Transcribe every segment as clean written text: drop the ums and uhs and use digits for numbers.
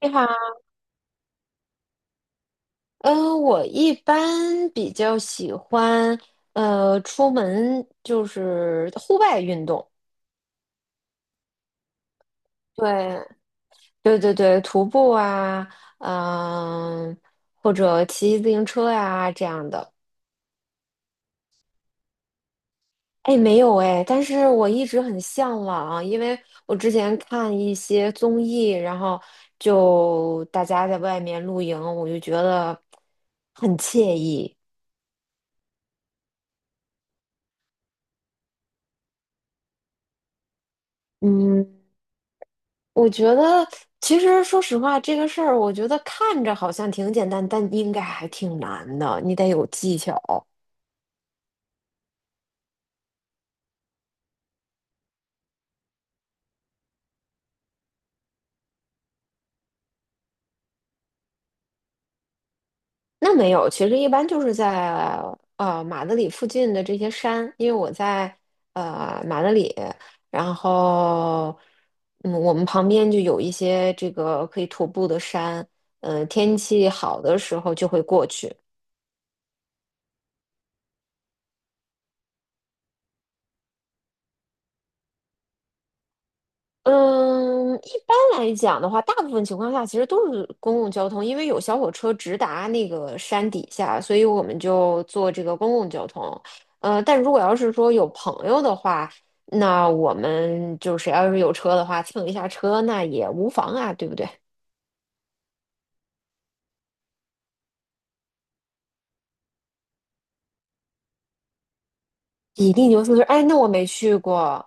你好，嗯，我一般比较喜欢，出门就是户外运动，对，对对对，徒步啊，嗯、或者骑自行车呀、这样的。哎，没有哎，但是我一直很向往，因为我之前看一些综艺，然后就大家在外面露营，我就觉得很惬意。嗯，我觉得，其实说实话，这个事儿，我觉得看着好像挺简单，但应该还挺难的，你得有技巧。那没有，其实一般就是在马德里附近的这些山，因为我在马德里，然后我们旁边就有一些这个可以徒步的山，天气好的时候就会过去。嗯，一般来讲的话，大部分情况下其实都是公共交通，因为有小火车直达那个山底下，所以我们就坐这个公共交通。但如果要是说有朋友的话，那我们就谁要是有车的话，蹭一下车那也无妨啊，对不对？比利牛斯是，哎，那我没去过，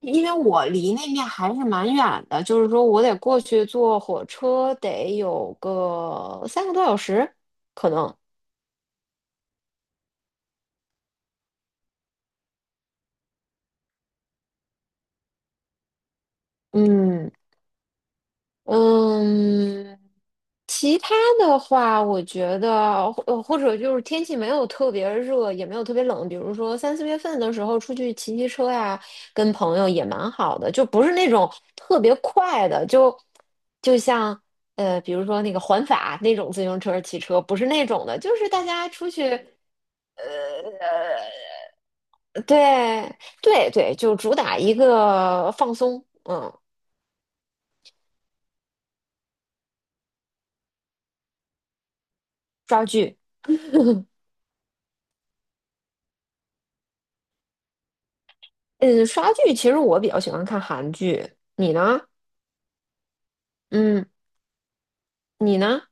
因为我离那面还是蛮远的，就是说我得过去坐火车，得有个三个多小时，可能，嗯。嗯，其他的话，我觉得，或者就是天气没有特别热，也没有特别冷，比如说三四月份的时候出去骑骑车呀，跟朋友也蛮好的，就不是那种特别快的，就像比如说那个环法那种自行车骑车，不是那种的，就是大家出去。对对对，就主打一个放松，嗯，抓剧。嗯，刷剧其实我比较喜欢看韩剧，你呢？嗯，你呢？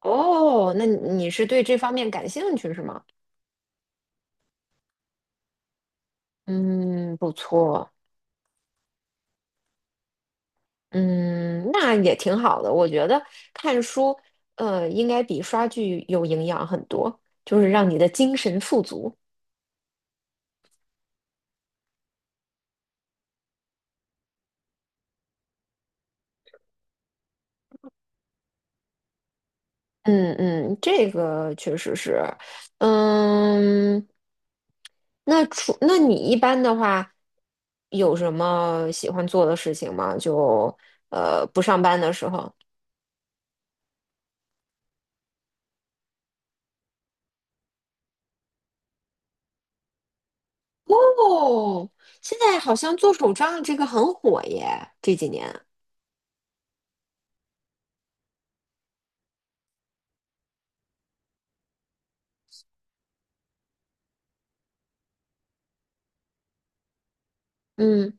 哦，那你是对这方面感兴趣是吗？嗯，不错，嗯，那也挺好的。我觉得看书，应该比刷剧有营养很多，就是让你的精神富足。嗯嗯，这个确实是，嗯，那你一般的话，有什么喜欢做的事情吗？不上班的时候。哦，现在好像做手账这个很火耶，这几年。嗯。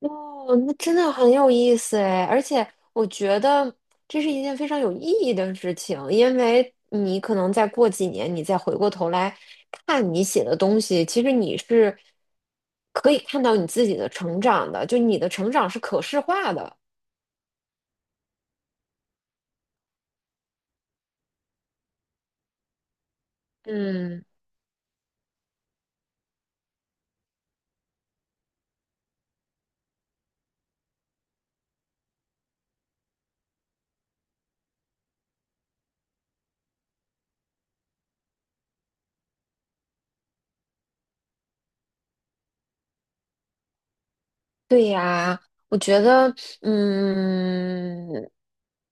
哦，那真的很有意思哎，而且我觉得这是一件非常有意义的事情，因为你可能再过几年，你再回过头来看你写的东西，其实你是可以看到你自己的成长的，就你的成长是可视化的。嗯。对呀，我觉得，嗯，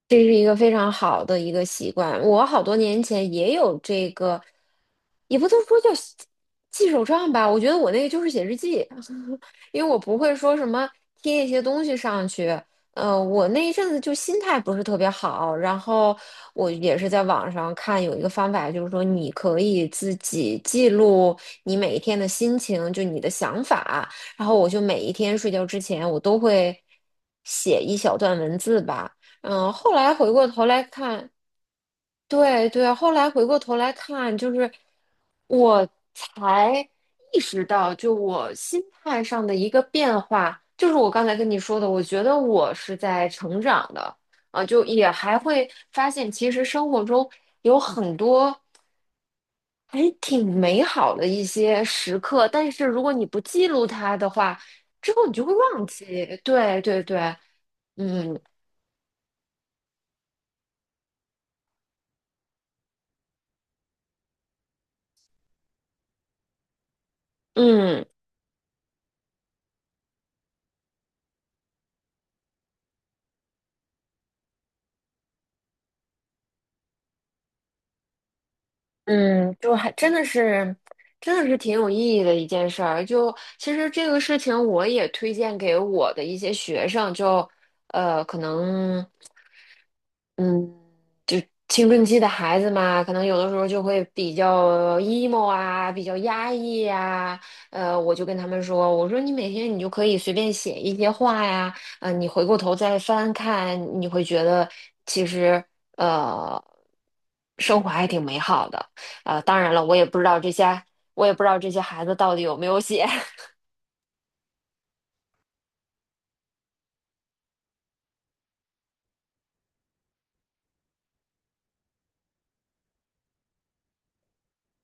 这是一个非常好的一个习惯。我好多年前也有这个，也不能说叫记手账吧，我觉得我那个就是写日记，因为我不会说什么贴一些东西上去。我那一阵子就心态不是特别好，然后我也是在网上看有一个方法，就是说你可以自己记录你每一天的心情，就你的想法。然后我就每一天睡觉之前，我都会写一小段文字吧。嗯，后来回过头来看，对对，后来回过头来看，就是我才意识到，就我心态上的一个变化，就是我刚才跟你说的，我觉得我是在成长的啊，就也还会发现，其实生活中有很多。还挺美好的一些时刻，但是如果你不记录它的话，之后你就会忘记。对对对，嗯嗯嗯，就还真的是，真的是挺有意义的一件事儿。就其实这个事情，我也推荐给我的一些学生，可能。嗯，就青春期的孩子嘛，可能有的时候就会比较 emo 啊，比较压抑呀、我就跟他们说，我说你每天你就可以随便写一些话呀，你回过头再翻看，你会觉得其实呃，生活还挺美好的。当然了，我也不知道这些，我也不知道这些孩子到底有没有写。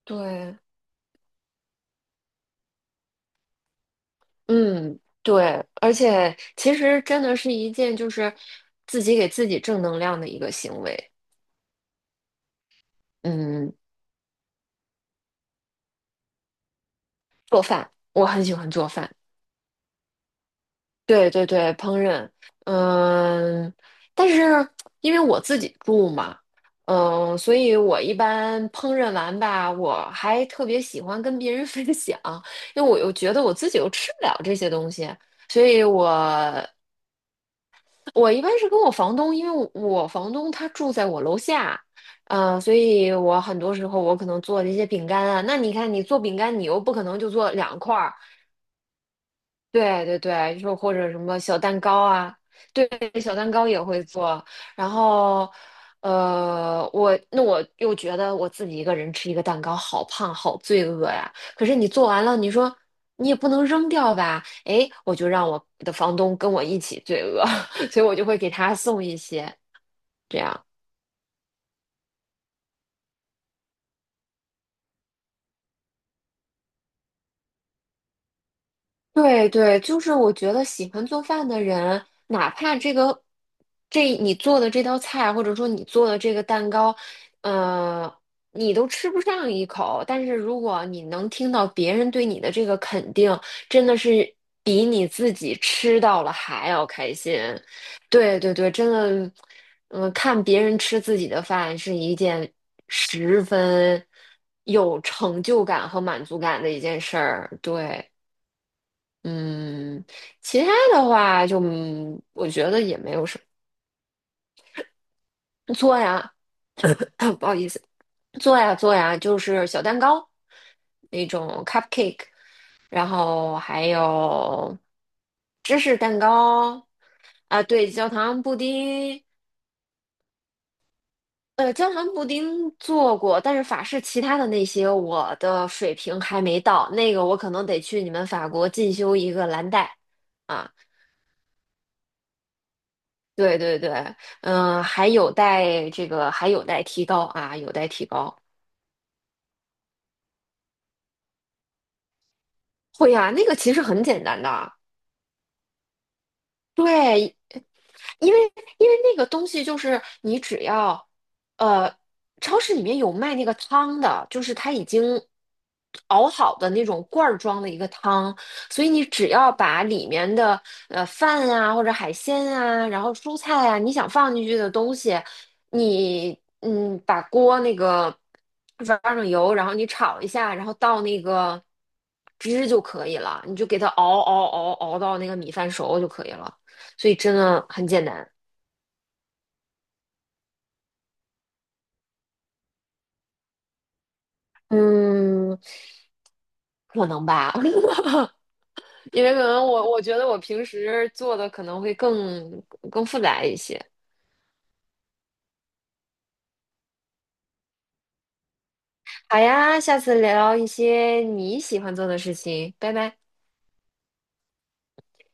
对，嗯，对，而且其实真的是一件就是自己给自己正能量的一个行为。嗯，做饭，我很喜欢做饭。对对对，烹饪。嗯，但是因为我自己住嘛，嗯，所以我一般烹饪完吧，我还特别喜欢跟别人 分享，因为我又觉得我自己又吃不了这些东西，所以我一般是跟我房东，因为我房东他住在我楼下，所以我很多时候我可能做的一些饼干啊，那你看你做饼干，你又不可能就做两块儿，对对对，就或者什么小蛋糕啊，对，小蛋糕也会做。然后，我那我又觉得我自己一个人吃一个蛋糕好胖，好罪恶呀。可是你做完了，你说你也不能扔掉吧？哎，我就让我的房东跟我一起罪恶，所以我就会给他送一些这样。对对，就是我觉得喜欢做饭的人，哪怕这个这你做的这道菜，或者说你做的这个蛋糕，呃，你都吃不上一口，但是如果你能听到别人对你的这个肯定，真的是比你自己吃到了还要开心。对对对，真的，嗯、看别人吃自己的饭是一件十分有成就感和满足感的一件事儿。对。嗯，其他的话就，嗯我觉得也没有什么做呀，不好意思，做呀做呀，就是小蛋糕那种 cupcake，然后还有芝士蛋糕啊，对，焦糖布丁，焦糖布丁做过，但是法式其他的那些我的水平还没到，那个我可能得去你们法国进修一个蓝带。啊。对对对，嗯、还有待提高啊，有待提高。会呀、那个其实很简单的，对，因为因为那个东西就是你只要，呃，超市里面有卖那个汤的，就是它已经熬好的那种罐儿装的一个汤，所以你只要把里面的饭啊或者海鲜啊，然后蔬菜啊，你想放进去的东西，你嗯把锅那个放上油，然后你炒一下，然后倒那个汁就可以了，你就给它熬到那个米饭熟就可以了。所以真的很简单。嗯，可能吧，因为可能我觉得我平时做的可能会更复杂一些。好呀，下次聊一些你喜欢做的事情，拜拜。